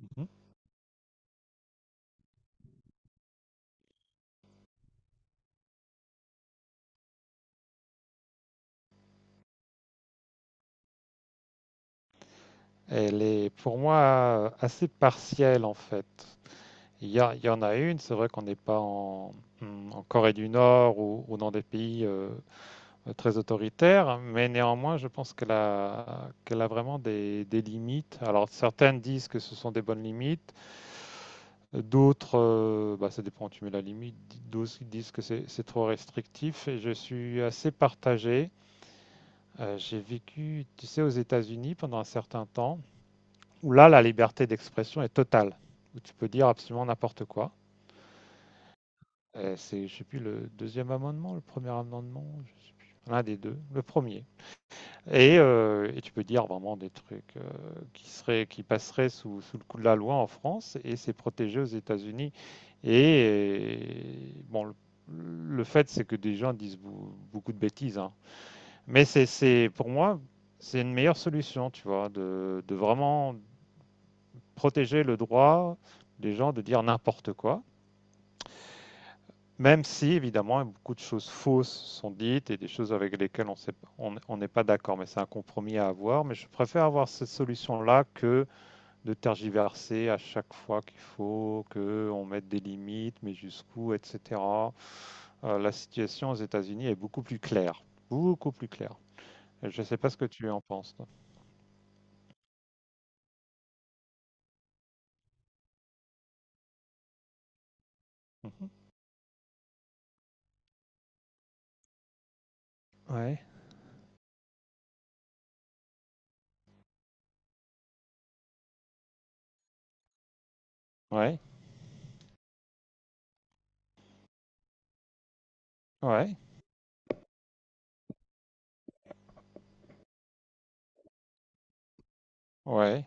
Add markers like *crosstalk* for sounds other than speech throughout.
Mhm. Elle est pour moi assez partielle en fait. Il y en a une, c'est vrai qu'on n'est pas en, hmm, en Corée du Nord ou dans des pays très autoritaires, mais néanmoins je pense qu'elle a vraiment des limites. Alors certaines disent que ce sont des bonnes limites, d'autres, ça dépend où tu mets la limite, d'autres disent que c'est trop restrictif et je suis assez partagé. J'ai vécu, tu sais, aux États-Unis pendant un certain temps, où là, la liberté d'expression est totale, où tu peux dire absolument n'importe quoi. Je sais plus, le deuxième amendement, le premier amendement, l'un des deux, le premier. Et tu peux dire vraiment des trucs qui seraient, qui passeraient sous le coup de la loi en France, et c'est protégé aux États-Unis. Et et bon, le, le fait, c'est que des gens disent beaucoup de bêtises, hein. Mais pour moi, c'est une meilleure solution, tu vois, de vraiment protéger le droit des gens de dire n'importe quoi, même si évidemment beaucoup de choses fausses sont dites et des choses avec lesquelles on n'est pas d'accord, mais c'est un compromis à avoir. Mais je préfère avoir cette solution-là que de tergiverser à chaque fois qu'il faut, qu'on mette des limites, mais jusqu'où, etc. La situation aux États-Unis est beaucoup plus claire, beaucoup plus claire. Et je ne sais pas ce que tu en penses, toi. Mhm. Ouais. Ouais, ouais, ouais,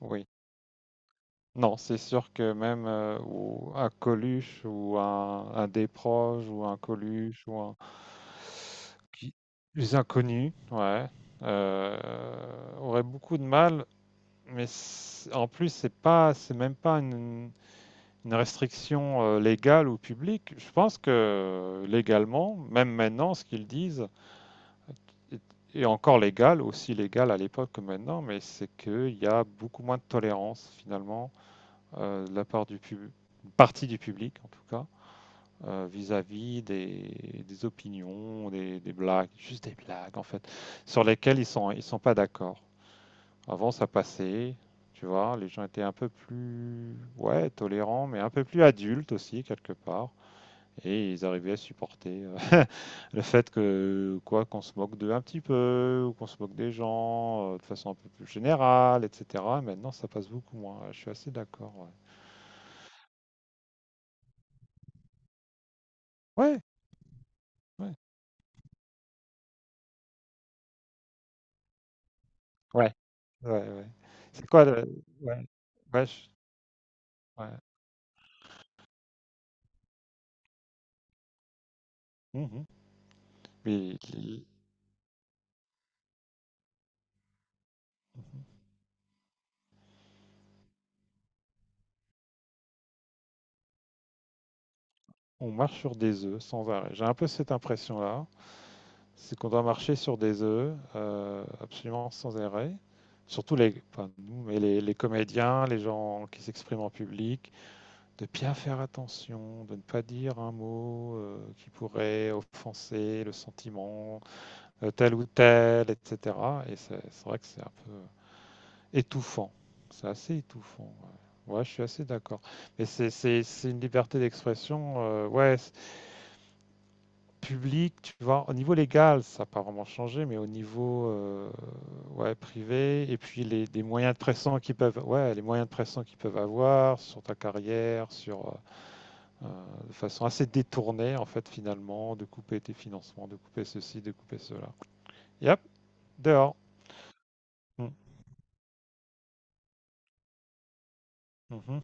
oui. Non, c'est sûr que même ou un Coluche ou un Desproges ou un Coluche ou un... qui- Les inconnus, ouais, euh, auraient beaucoup de mal, mais en plus, c'est même pas une restriction légale ou publique. Je pense que légalement, même maintenant, ce qu'ils disent est, est encore légal, aussi légal à l'époque que maintenant, mais c'est qu'il y a beaucoup moins de tolérance finalement de la part du partie du public en tout cas, vis-à-vis des opinions, des blagues, juste des blagues en fait, sur lesquelles ils sont pas d'accord. Avant ça passait, tu vois, les gens étaient un peu plus ouais tolérants, mais un peu plus adultes aussi quelque part, et ils arrivaient à supporter *laughs* le fait que quoi qu'on se moque d'eux un petit peu, ou qu'on se moque des gens de façon un peu plus générale, etc. Maintenant ça passe beaucoup moins. Je suis assez d'accord. Ouais. Ouais, ouais. Ouais, ouais, ouais. C'est quoi le ouais, ouais, je- ouais. Mhm. Mais on marche sur des œufs sans arrêt. J'ai un peu cette impression-là, c'est qu'on doit marcher sur des œufs absolument sans arrêt. Surtout pas nous, mais les comédiens, les gens qui s'expriment en public, de bien faire attention, de ne pas dire un mot qui pourrait offenser le sentiment tel ou tel, etc. Et c'est vrai que c'est un peu étouffant. C'est assez étouffant. Ouais, ouais, je suis assez d'accord. Mais c'est une liberté d'expression, ouais, publique, tu vois. Au niveau légal, ça n'a pas vraiment changé, mais au niveau ouais, privé, et puis les moyens de pression qu'ils peuvent, ouais, les moyens de pression qu'ils peuvent avoir sur ta carrière, sur de façon assez détournée, en fait, finalement, de couper tes financements, de couper ceci, de couper cela. Yep, dehors. Mm, mhm.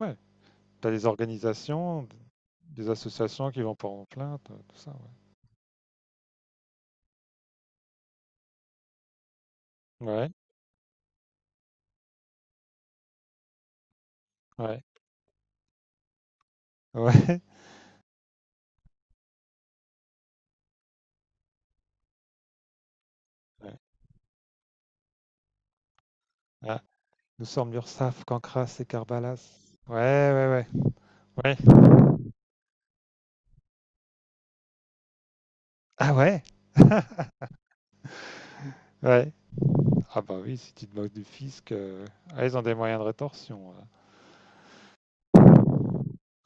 Ouais, t'as des organisations, des associations qui vont porter en plainte, tout ça, ouais. Ouais, ouais, ouais. *laughs* ouais. Ah, nous sommes l'URSSAF, Cancras et Carbalas. Ouais, ouais, ouais. Ouais. Ah ouais? *laughs* Ouais. Ah bah oui, si tu te moques du fisc, ah, ils ont des moyens de rétorsion,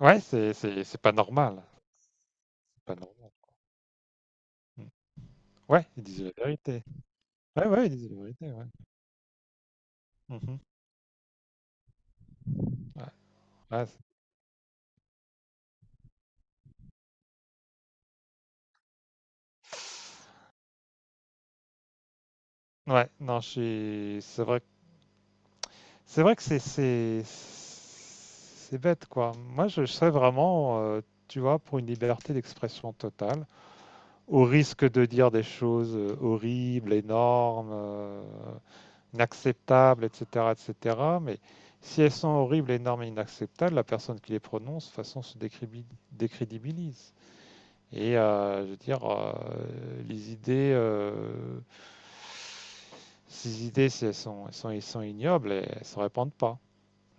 Ouais, c'est pas normal. C'est pas normal. Mm. Ouais, ils disent la vérité. Ouais, ouais, ils disent la vérité, ouais. Mhm. Ouais, ouais, ouais, non, c'est vrai, c'est vrai que c'est bête quoi. Moi, je serais vraiment, tu vois, pour une liberté d'expression totale, au risque de dire des choses horribles, énormes, inacceptables, etc., etc. Mais si elles sont horribles, énormes et inacceptables, la personne qui les prononce, de toute façon, se décrédibilise. Et je veux dire, les idées, ces idées, si elles sont ignobles, elles ne se répandent pas.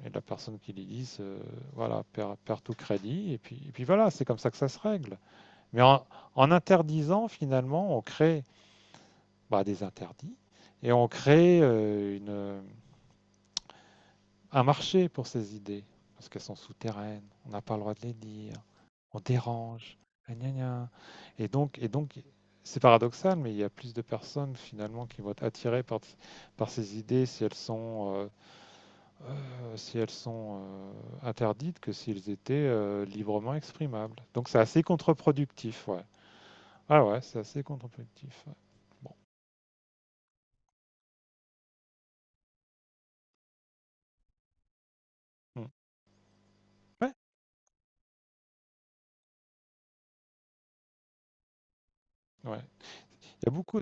Et la personne qui lui dise, voilà, perd tout crédit, et puis voilà, c'est comme ça que ça se règle. Mais en interdisant, finalement, on crée bah, des interdits, et on crée un marché pour ces idées, parce qu'elles sont souterraines, on n'a pas le droit de les dire, on dérange, gna gna, et donc c'est paradoxal, mais il y a plus de personnes finalement qui vont être attirées par ces idées si elles sont si interdites que s'ils étaient, librement exprimables. Donc c'est assez contre-productif, ouais. Ah ouais, c'est assez contre-productif, ouais. Bon, mmh. Ouais, ouais. Il y a beaucoup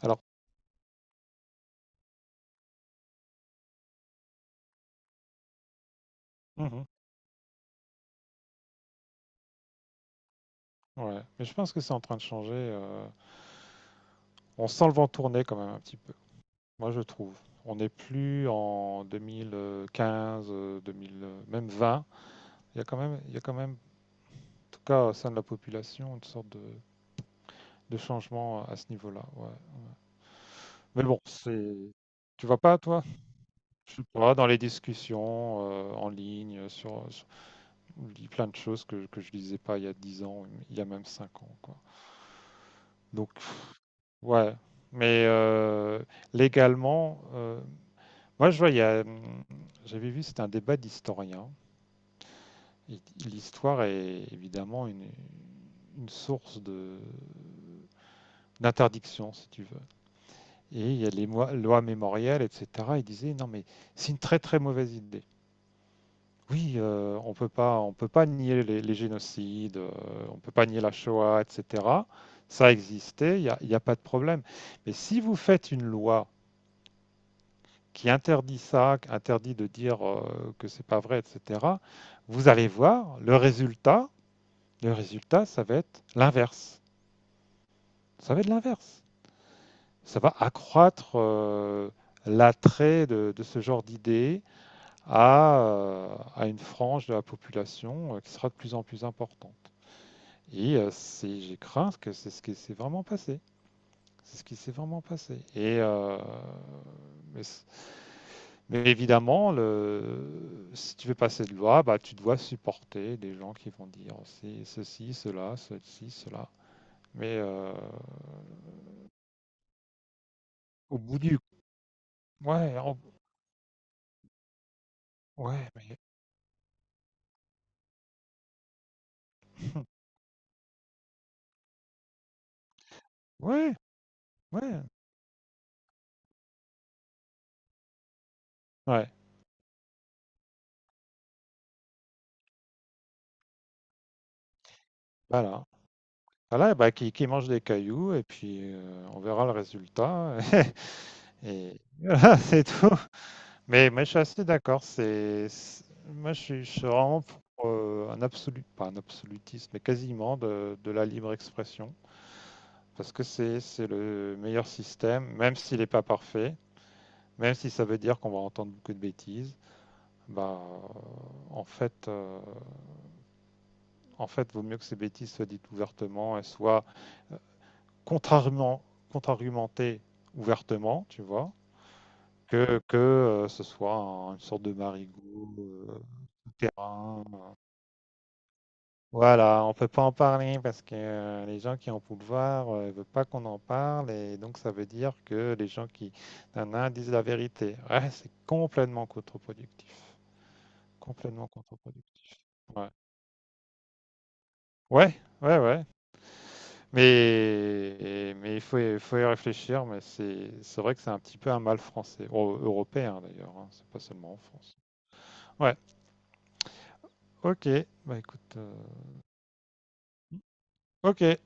alors mmh mmh. Ouais, mais je pense que c'est en train de changer, on sent le vent tourner quand même un petit peu. Moi, je trouve. On n'est plus en 2015, 2000, même 20. Il y a quand même en tout cas au sein de la population, une sorte de changement à ce niveau-là, ouais. Mais bon, c'est. Tu vas pas, toi? Je sais pas, dans les discussions en ligne, on lit plein de choses que je lisais pas il y a 10 ans, il y a même 5 ans, quoi. Donc, pff, ouais. Mais légalement, moi, je vois, j'avais vu, c'était un débat d'historiens. Et l'histoire est évidemment une source d'interdiction, si tu veux. Et il y a les lois mémorielles, etc. Ils disaient, non, mais c'est une très, très mauvaise idée. Oui, on peut pas nier les génocides, on peut pas nier la Shoah, etc. Ça existait, y a pas de problème. Mais si vous faites une loi qui interdit ça, qui interdit de dire que c'est pas vrai, etc., vous allez voir le résultat. Le résultat, ça va être l'inverse. Ça va être l'inverse. Ça va accroître l'attrait de ce genre d'idées à une frange de la population qui sera de plus en plus importante. Et j'ai craint que c'est ce qui s'est vraiment passé. C'est ce qui s'est vraiment passé. Et mais, c- mais évidemment, le, si tu veux passer de loi, bah, tu dois supporter des gens qui vont dire oh, c'est ceci, cela, ceci, cela. Mais au bout du... Ouais, en- ouais, mais... *laughs* Ouais, ouais, ouais. Voilà. Voilà, bah, qui mange des cailloux et puis on verra le résultat. *laughs* Et voilà, *laughs* c'est tout. Mais je suis assez d'accord. Moi, je suis vraiment pour un absolu, pas un absolutisme, mais quasiment de la libre expression. Parce que c'est le meilleur système, même s'il n'est pas parfait, même si ça veut dire qu'on va entendre beaucoup de bêtises. Bah, euh, en fait, euh, en fait, vaut mieux que ces bêtises soient dites ouvertement et soient contrairement, contre-argumentées ouvertement, tu vois, que ce soit une sorte de marigot, terrain. Voilà, on peut pas en parler parce que les gens qui ont pouvoir ne veulent pas qu'on en parle et donc ça veut dire que les gens qui nanana, disent la vérité. Ouais, c'est complètement contre-productif. Complètement contre-productif. Ouais. Ouais, ouais, ouais. Mais il faut, faut y réfléchir, mais c'est vrai que c'est un petit peu un mal français, européen d'ailleurs, hein, c'est pas seulement en France. Ouais, ok, bah écoute, ok.